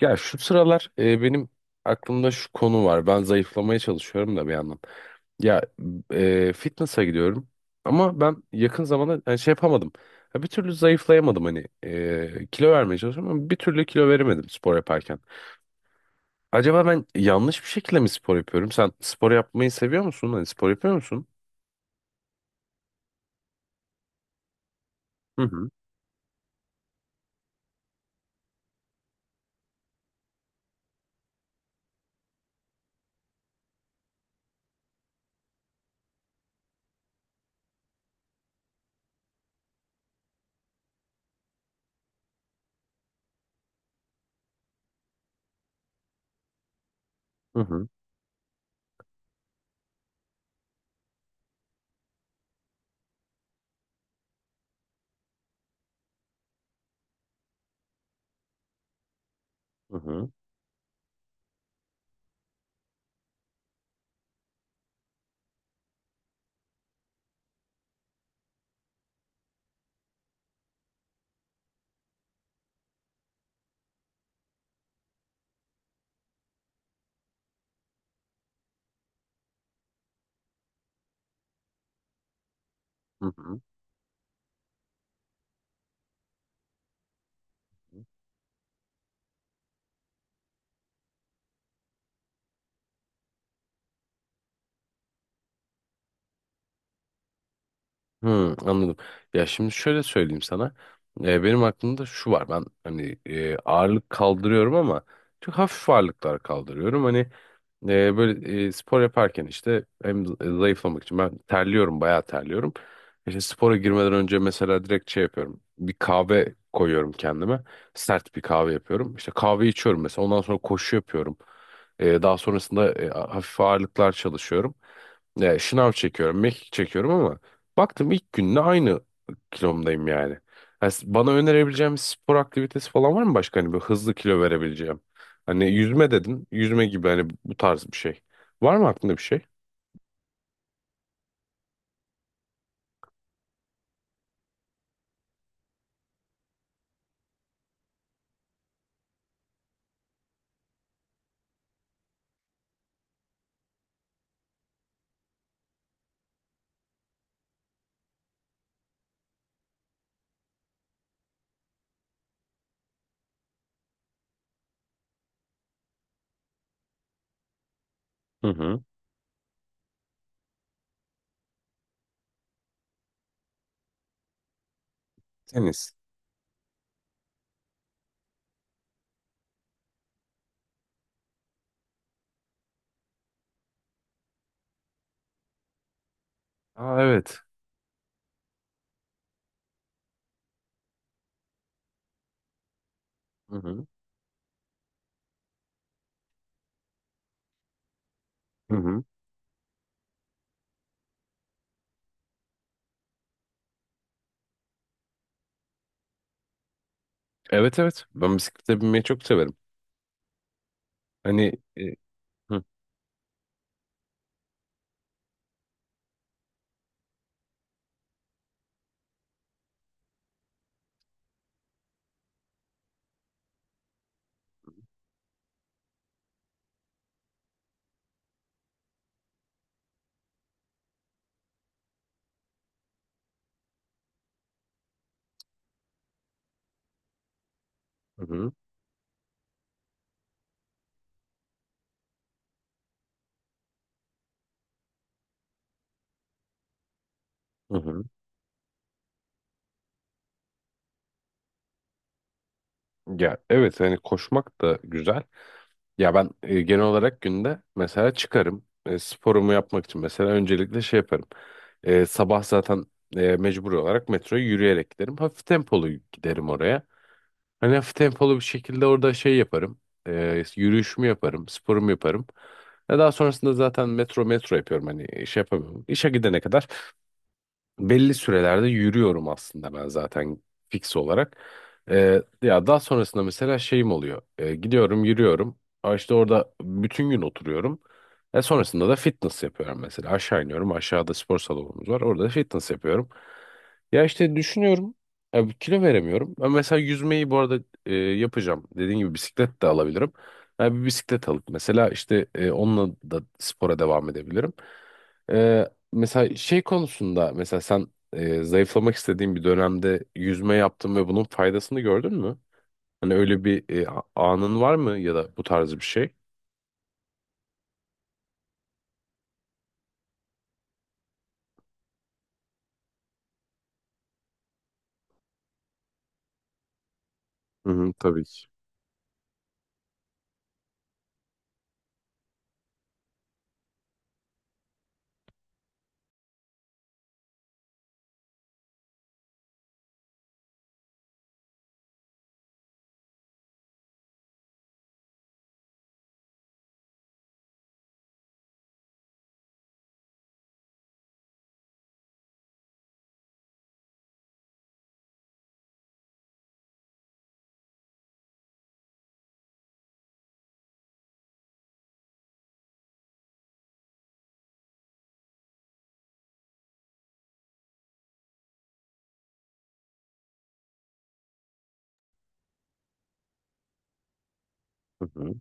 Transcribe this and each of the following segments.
Ya şu sıralar benim aklımda şu konu var. Ben zayıflamaya çalışıyorum da bir yandan. Ya fitness'a gidiyorum ama ben yakın zamanda yani şey yapamadım. Ya bir türlü zayıflayamadım hani kilo vermeye çalışıyorum ama bir türlü kilo veremedim spor yaparken. Acaba ben yanlış bir şekilde mi spor yapıyorum? Sen spor yapmayı seviyor musun? Hani spor yapıyor musun? Hı hı. Hı hı. Hı hı. Hı hı. Hı, anladım. Ya şimdi şöyle söyleyeyim sana. Benim aklımda şu var. Ben hani ağırlık kaldırıyorum ama çok hafif ağırlıklar kaldırıyorum. Hani böyle spor yaparken işte hem zayıflamak için ben terliyorum, bayağı terliyorum. İşte spora girmeden önce mesela direkt şey yapıyorum. Bir kahve koyuyorum kendime. Sert bir kahve yapıyorum. İşte kahve içiyorum mesela. Ondan sonra koşu yapıyorum. Daha sonrasında hafif ağırlıklar çalışıyorum. Şınav çekiyorum, mekik çekiyorum ama baktım ilk günde aynı kilomdayım yani. Yani bana önerebileceğim spor aktivitesi falan var mı başka hani bir hızlı kilo verebileceğim? Hani yüzme dedin. Yüzme gibi hani bu tarz bir şey. Var mı aklında bir şey? Hı hı. Tenis. Aa, evet. Hı hı. Hı hı. Evet, evet. Ben bisiklete binmeyi çok severim. Hani hı hı. Hı hı. Ya evet, hani koşmak da güzel. Ya ben genel olarak günde mesela çıkarım. E, sporumu yapmak için mesela öncelikle şey yaparım. Sabah zaten mecbur olarak metroya yürüyerek giderim. Hafif tempolu giderim oraya. Hani hafif tempolu bir şekilde orada şey yaparım. E, yürüyüşümü yaparım, sporumu yaparım. Ve daha sonrasında zaten metro yapıyorum. Hani şey yapamıyorum. İşe gidene kadar belli sürelerde yürüyorum aslında ben zaten fix olarak. Ya daha sonrasında mesela şeyim oluyor. Gidiyorum, yürüyorum. Aa, işte orada bütün gün oturuyorum. E, sonrasında da fitness yapıyorum mesela. Aşağı iniyorum. Aşağıda spor salonumuz var. Orada da fitness yapıyorum. Ya işte düşünüyorum. Ya bir kilo veremiyorum. Ben mesela yüzmeyi bu arada yapacağım. Dediğim gibi bisiklet de alabilirim. Ya bir bisiklet alıp mesela işte onunla da spora devam edebilirim. Mesela şey konusunda mesela sen zayıflamak istediğin bir dönemde yüzme yaptın ve bunun faydasını gördün mü? Hani öyle bir anın var mı ya da bu tarz bir şey? Hı hı, tabii ki. Hı hı.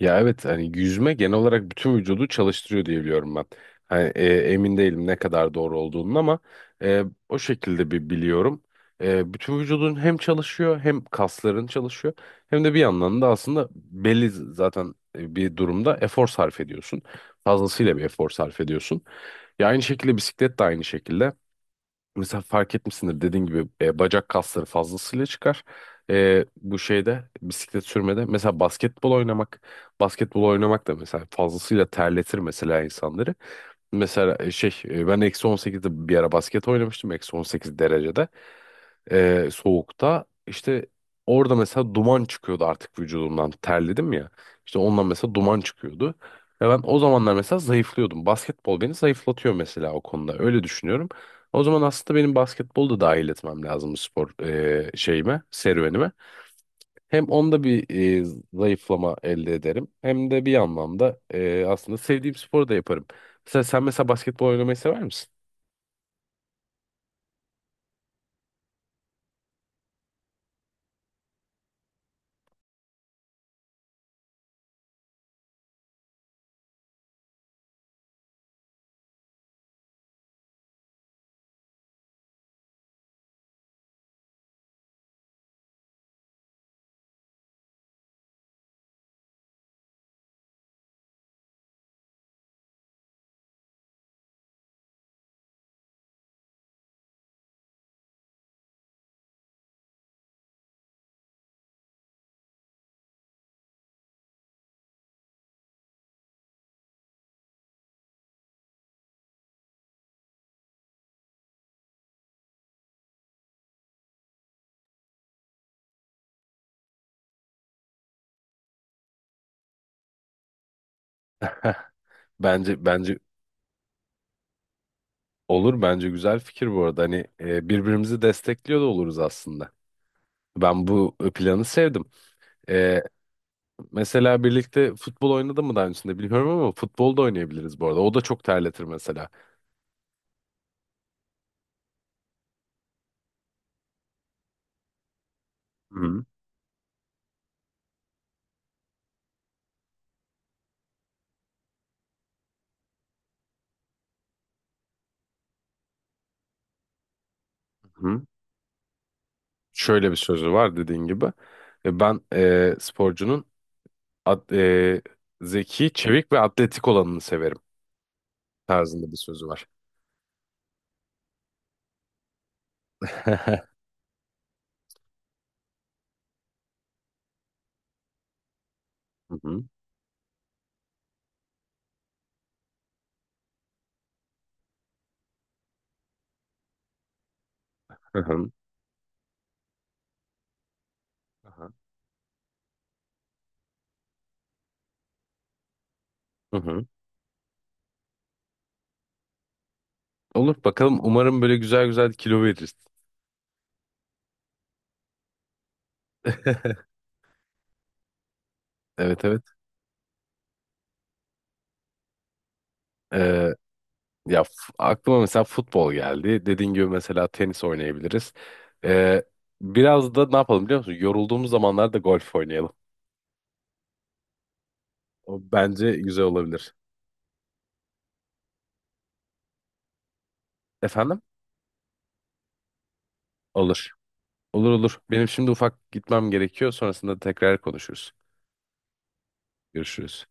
Ya evet, hani yüzme genel olarak bütün vücudu çalıştırıyor diye biliyorum ben. Hani, emin değilim ne kadar doğru olduğunun ama e, o şekilde bir biliyorum. E, bütün vücudun hem çalışıyor, hem kasların çalışıyor, hem de bir yandan da aslında belli zaten bir durumda efor sarf ediyorsun. Fazlasıyla bir efor sarf ediyorsun. Ya aynı şekilde bisiklet de aynı şekilde. Mesela fark etmişsindir, dediğin gibi bacak kasları fazlasıyla çıkar. E, bu şeyde bisiklet sürmede mesela basketbol oynamak, basketbol oynamak da mesela fazlasıyla terletir mesela insanları. Mesela ben eksi 18'de bir ara basket oynamıştım, eksi 18 derecede soğukta. İşte orada mesela duman çıkıyordu artık vücudumdan. Terledim ya. İşte ondan mesela duman çıkıyordu. Ve ben o zamanlar mesela zayıflıyordum. Basketbol beni zayıflatıyor mesela o konuda. Öyle düşünüyorum. O zaman aslında benim basketbolu da dahil etmem lazım spor şeyime, serüvenime. Hem onda bir e, zayıflama elde ederim. Hem de bir anlamda aslında sevdiğim sporu da yaparım. Mesela sen mesela basketbol oynamayı sever misin? Heh, bence. Olur, bence güzel fikir bu arada. Hani birbirimizi destekliyor da oluruz aslında. Ben bu planı sevdim. E, mesela birlikte futbol oynadı mı daha öncesinde bilmiyorum ama futbol da oynayabiliriz bu arada. O da çok terletir mesela. Hı hı. Şöyle bir sözü var, dediğin gibi. Ben sporcunun at- e, zeki, çevik ve atletik olanını severim tarzında bir sözü var. Hı hı. Hı hı. Hı hı. Olur bakalım. Umarım böyle güzel güzel kilo veririz. Evet, evet. Ee, Ya aklıma mesela futbol geldi. Dediğin gibi mesela tenis oynayabiliriz. Ee, Biraz da ne yapalım, biliyor musun? Yorulduğumuz zamanlarda golf oynayalım. O bence güzel olabilir. Efendim? Olur. Olur, olur. Benim şimdi ufak gitmem gerekiyor. Sonrasında tekrar konuşuruz. Görüşürüz.